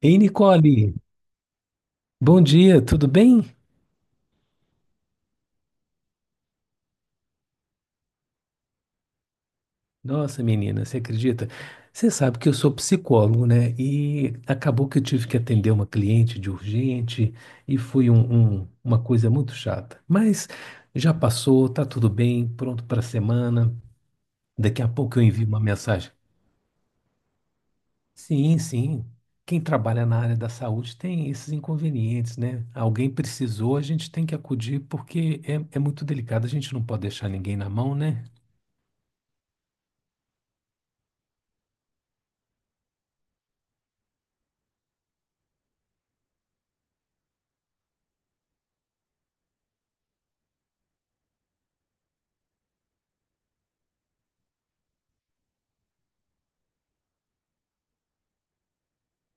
Ei, Nicole, bom dia, tudo bem? Nossa, menina, você acredita? Você sabe que eu sou psicólogo, né? E acabou que eu tive que atender uma cliente de urgente e foi uma coisa muito chata. Mas já passou, tá tudo bem, pronto para a semana. Daqui a pouco eu envio uma mensagem. Sim, sim. Quem trabalha na área da saúde tem esses inconvenientes, né? Alguém precisou, a gente tem que acudir porque é muito delicado, a gente não pode deixar ninguém na mão, né?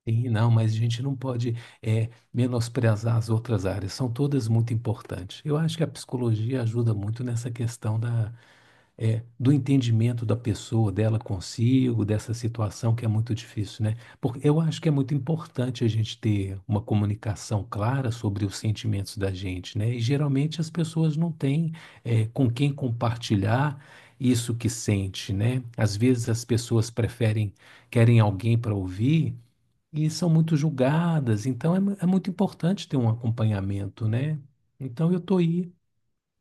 Sim, não, mas a gente não pode menosprezar as outras áreas, são todas muito importantes. Eu acho que a psicologia ajuda muito nessa questão da, do entendimento da pessoa, dela consigo, dessa situação que é muito difícil, né? Porque eu acho que é muito importante a gente ter uma comunicação clara sobre os sentimentos da gente, né? E geralmente as pessoas não têm com quem compartilhar isso que sente, né? Às vezes as pessoas preferem, querem alguém para ouvir e são muito julgadas, então é, é muito importante ter um acompanhamento, né? Então eu estou aí,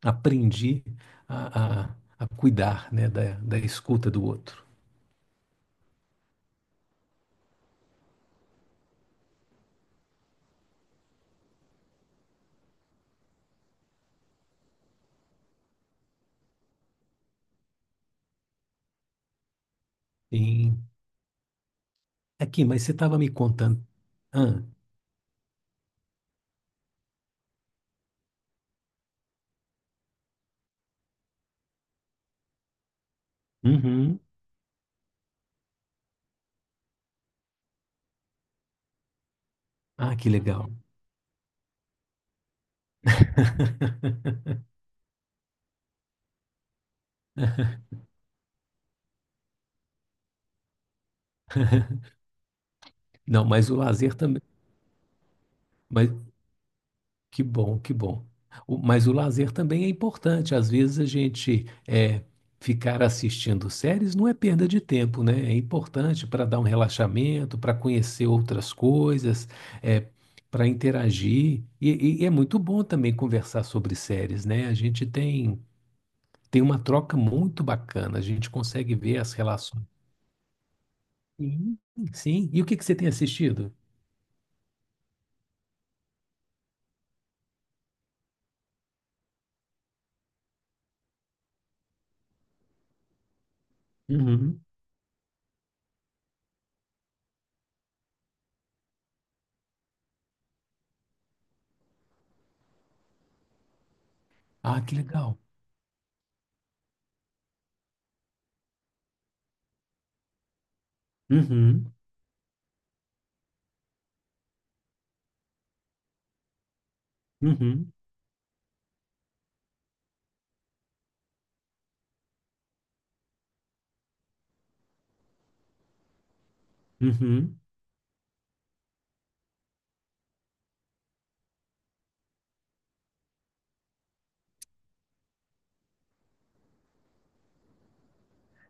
aprendi a cuidar, né, da escuta do outro. E, aqui, mas você estava me contando. Ah, uhum. Ah, que legal. Não, mas o lazer também. Que bom, que bom. Mas o lazer também é importante. Às vezes a gente ficar assistindo séries não é perda de tempo, né? É importante para dar um relaxamento, para conhecer outras coisas, é, para interagir. E é muito bom também conversar sobre séries, né? A gente tem uma troca muito bacana. A gente consegue ver as relações. Sim, sim. E o que que você tem assistido? Uhum. Ah, que legal. Uhum, uhum, uhum.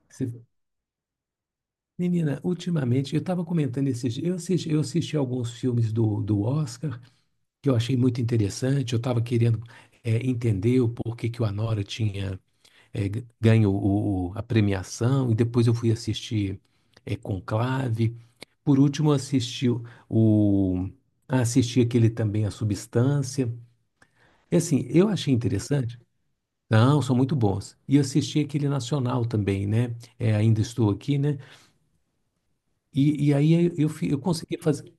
Você Menina, ultimamente eu estava comentando esses dias, eu assisti alguns filmes do Oscar que eu achei muito interessante. Eu estava querendo entender o porquê que o Anora tinha ganho a premiação, e depois eu fui assistir Conclave. Por último, eu assisti o- ah, assisti aquele também A Substância. E assim, eu achei interessante. Não, são muito bons. E eu assisti aquele nacional também, né? Ainda estou aqui, né? E aí eu consegui fazer.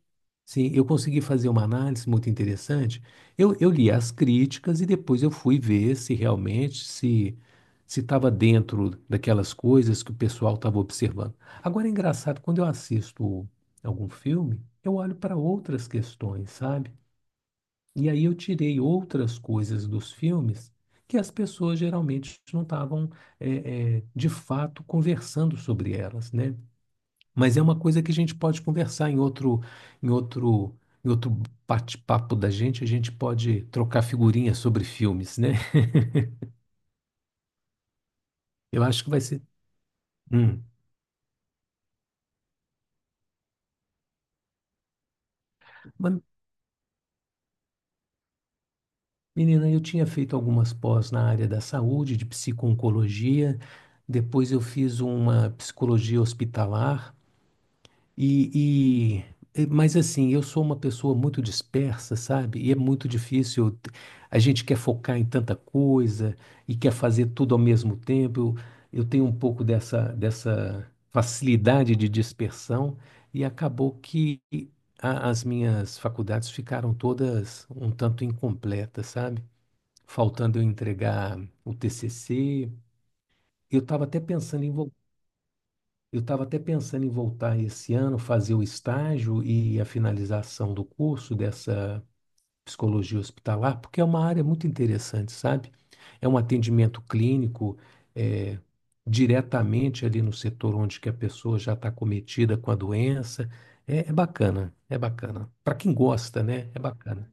Sim, eu consegui fazer uma análise muito interessante. Eu li as críticas e depois eu fui ver se realmente se estava dentro daquelas coisas que o pessoal estava observando. Agora é engraçado, quando eu assisto algum filme, eu olho para outras questões, sabe? E aí eu tirei outras coisas dos filmes que as pessoas geralmente não estavam de fato conversando sobre elas, né? Mas é uma coisa que a gente pode conversar em outro, em outro bate-papo da gente, a gente pode trocar figurinhas sobre filmes, né? Eu acho que vai ser. Hum. Mas, menina, eu tinha feito algumas pós na área da saúde, de psico-oncologia. Depois eu fiz uma psicologia hospitalar. E, mas assim, eu sou uma pessoa muito dispersa, sabe? E é muito difícil. A gente quer focar em tanta coisa e quer fazer tudo ao mesmo tempo. Eu tenho um pouco dessa facilidade de dispersão e acabou que as minhas faculdades ficaram todas um tanto incompletas, sabe? Faltando eu entregar o TCC. Eu estava até pensando em eu estava até pensando em voltar esse ano, fazer o estágio e a finalização do curso dessa psicologia hospitalar, porque é uma área muito interessante, sabe? É um atendimento clínico, eh, diretamente ali no setor onde que a pessoa já está cometida com a doença. É bacana, é bacana. Para quem gosta, né? É bacana.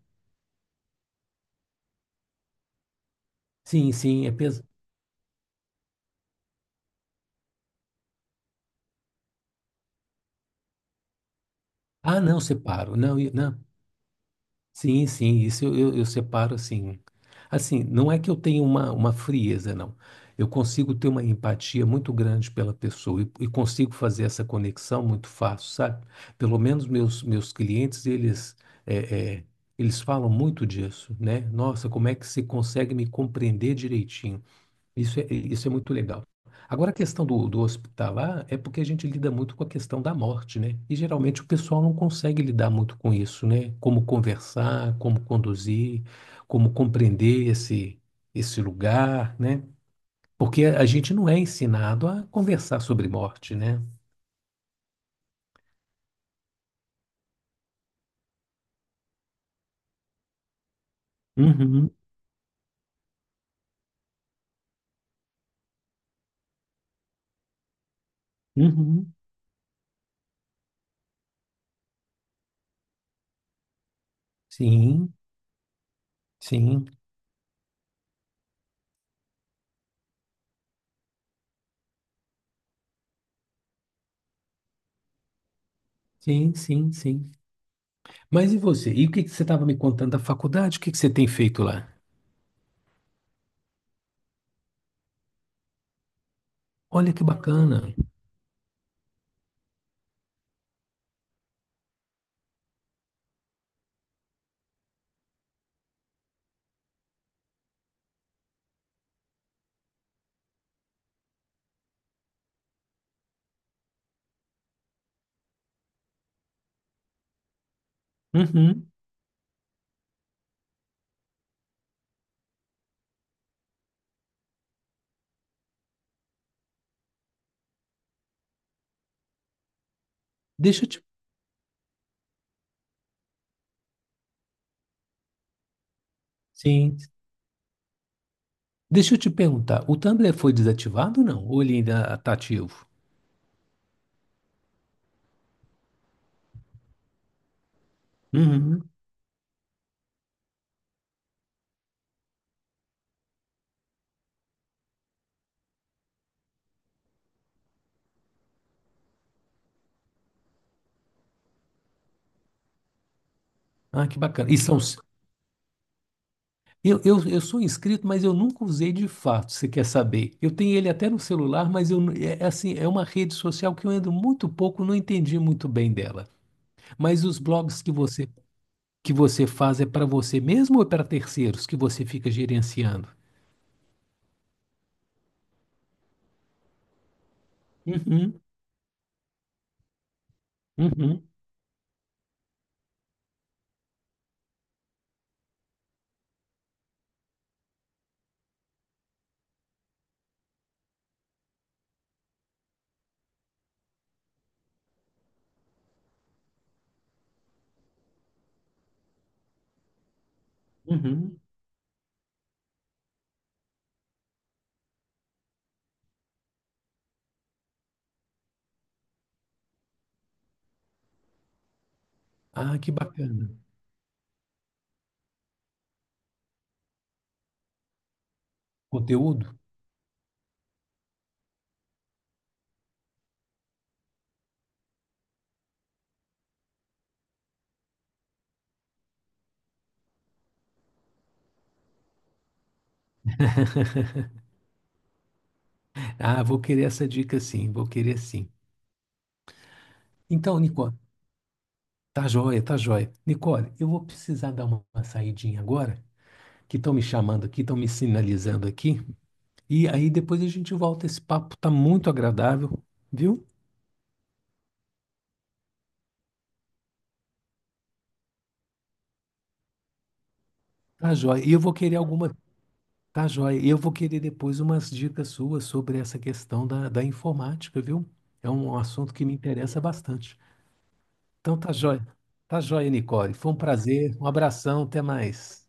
Sim, sim, é peso. Ah, não, separo. Não, não. Sim, sim, isso eu separo assim. Assim, não é que eu tenha uma frieza, não. Eu consigo ter uma empatia muito grande pela pessoa e consigo fazer essa conexão muito fácil, sabe? Pelo menos meus clientes, eles, é, é, eles falam muito disso, né? Nossa, como é que você consegue me compreender direitinho? Isso é muito legal. Agora, a questão do hospitalar é porque a gente lida muito com a questão da morte, né? E geralmente o pessoal não consegue lidar muito com isso, né? Como conversar, como conduzir, como compreender esse lugar, né? Porque a gente não é ensinado a conversar sobre morte, né? Uhum, uhum. Sim, sim, sim, sim, sim. Mas e você? E o que que você estava me contando da faculdade? O que que você tem feito lá? Olha que bacana. Uhum. Deixa eu te Sim. Deixa eu te perguntar, o Tumblr foi desativado ou não? Ou ele ainda está ativo? Uhum. Ah, que bacana. E são... eu sou inscrito, mas eu nunca usei de fato, você quer saber? Eu tenho ele até no celular, mas é assim, é uma rede social que eu ando muito pouco, não entendi muito bem dela. Mas os blogs que você faz é para você mesmo ou é para terceiros que você fica gerenciando? Uhum, uhum, uhum. Ah, que bacana. Conteúdo? Ah, vou querer essa dica sim, vou querer sim. Então, Nicole, tá joia, tá joia. Nicole, eu vou precisar dar uma saidinha agora, que estão me chamando aqui, estão me sinalizando aqui. E aí depois a gente volta. Esse papo tá muito agradável, viu? Tá joia. E eu vou querer tá joia. E eu vou querer depois umas dicas suas sobre essa questão da informática, viu? É um assunto que me interessa bastante. Então, tá joia. Tá joia, Nicole. Foi um prazer, um abração, até mais.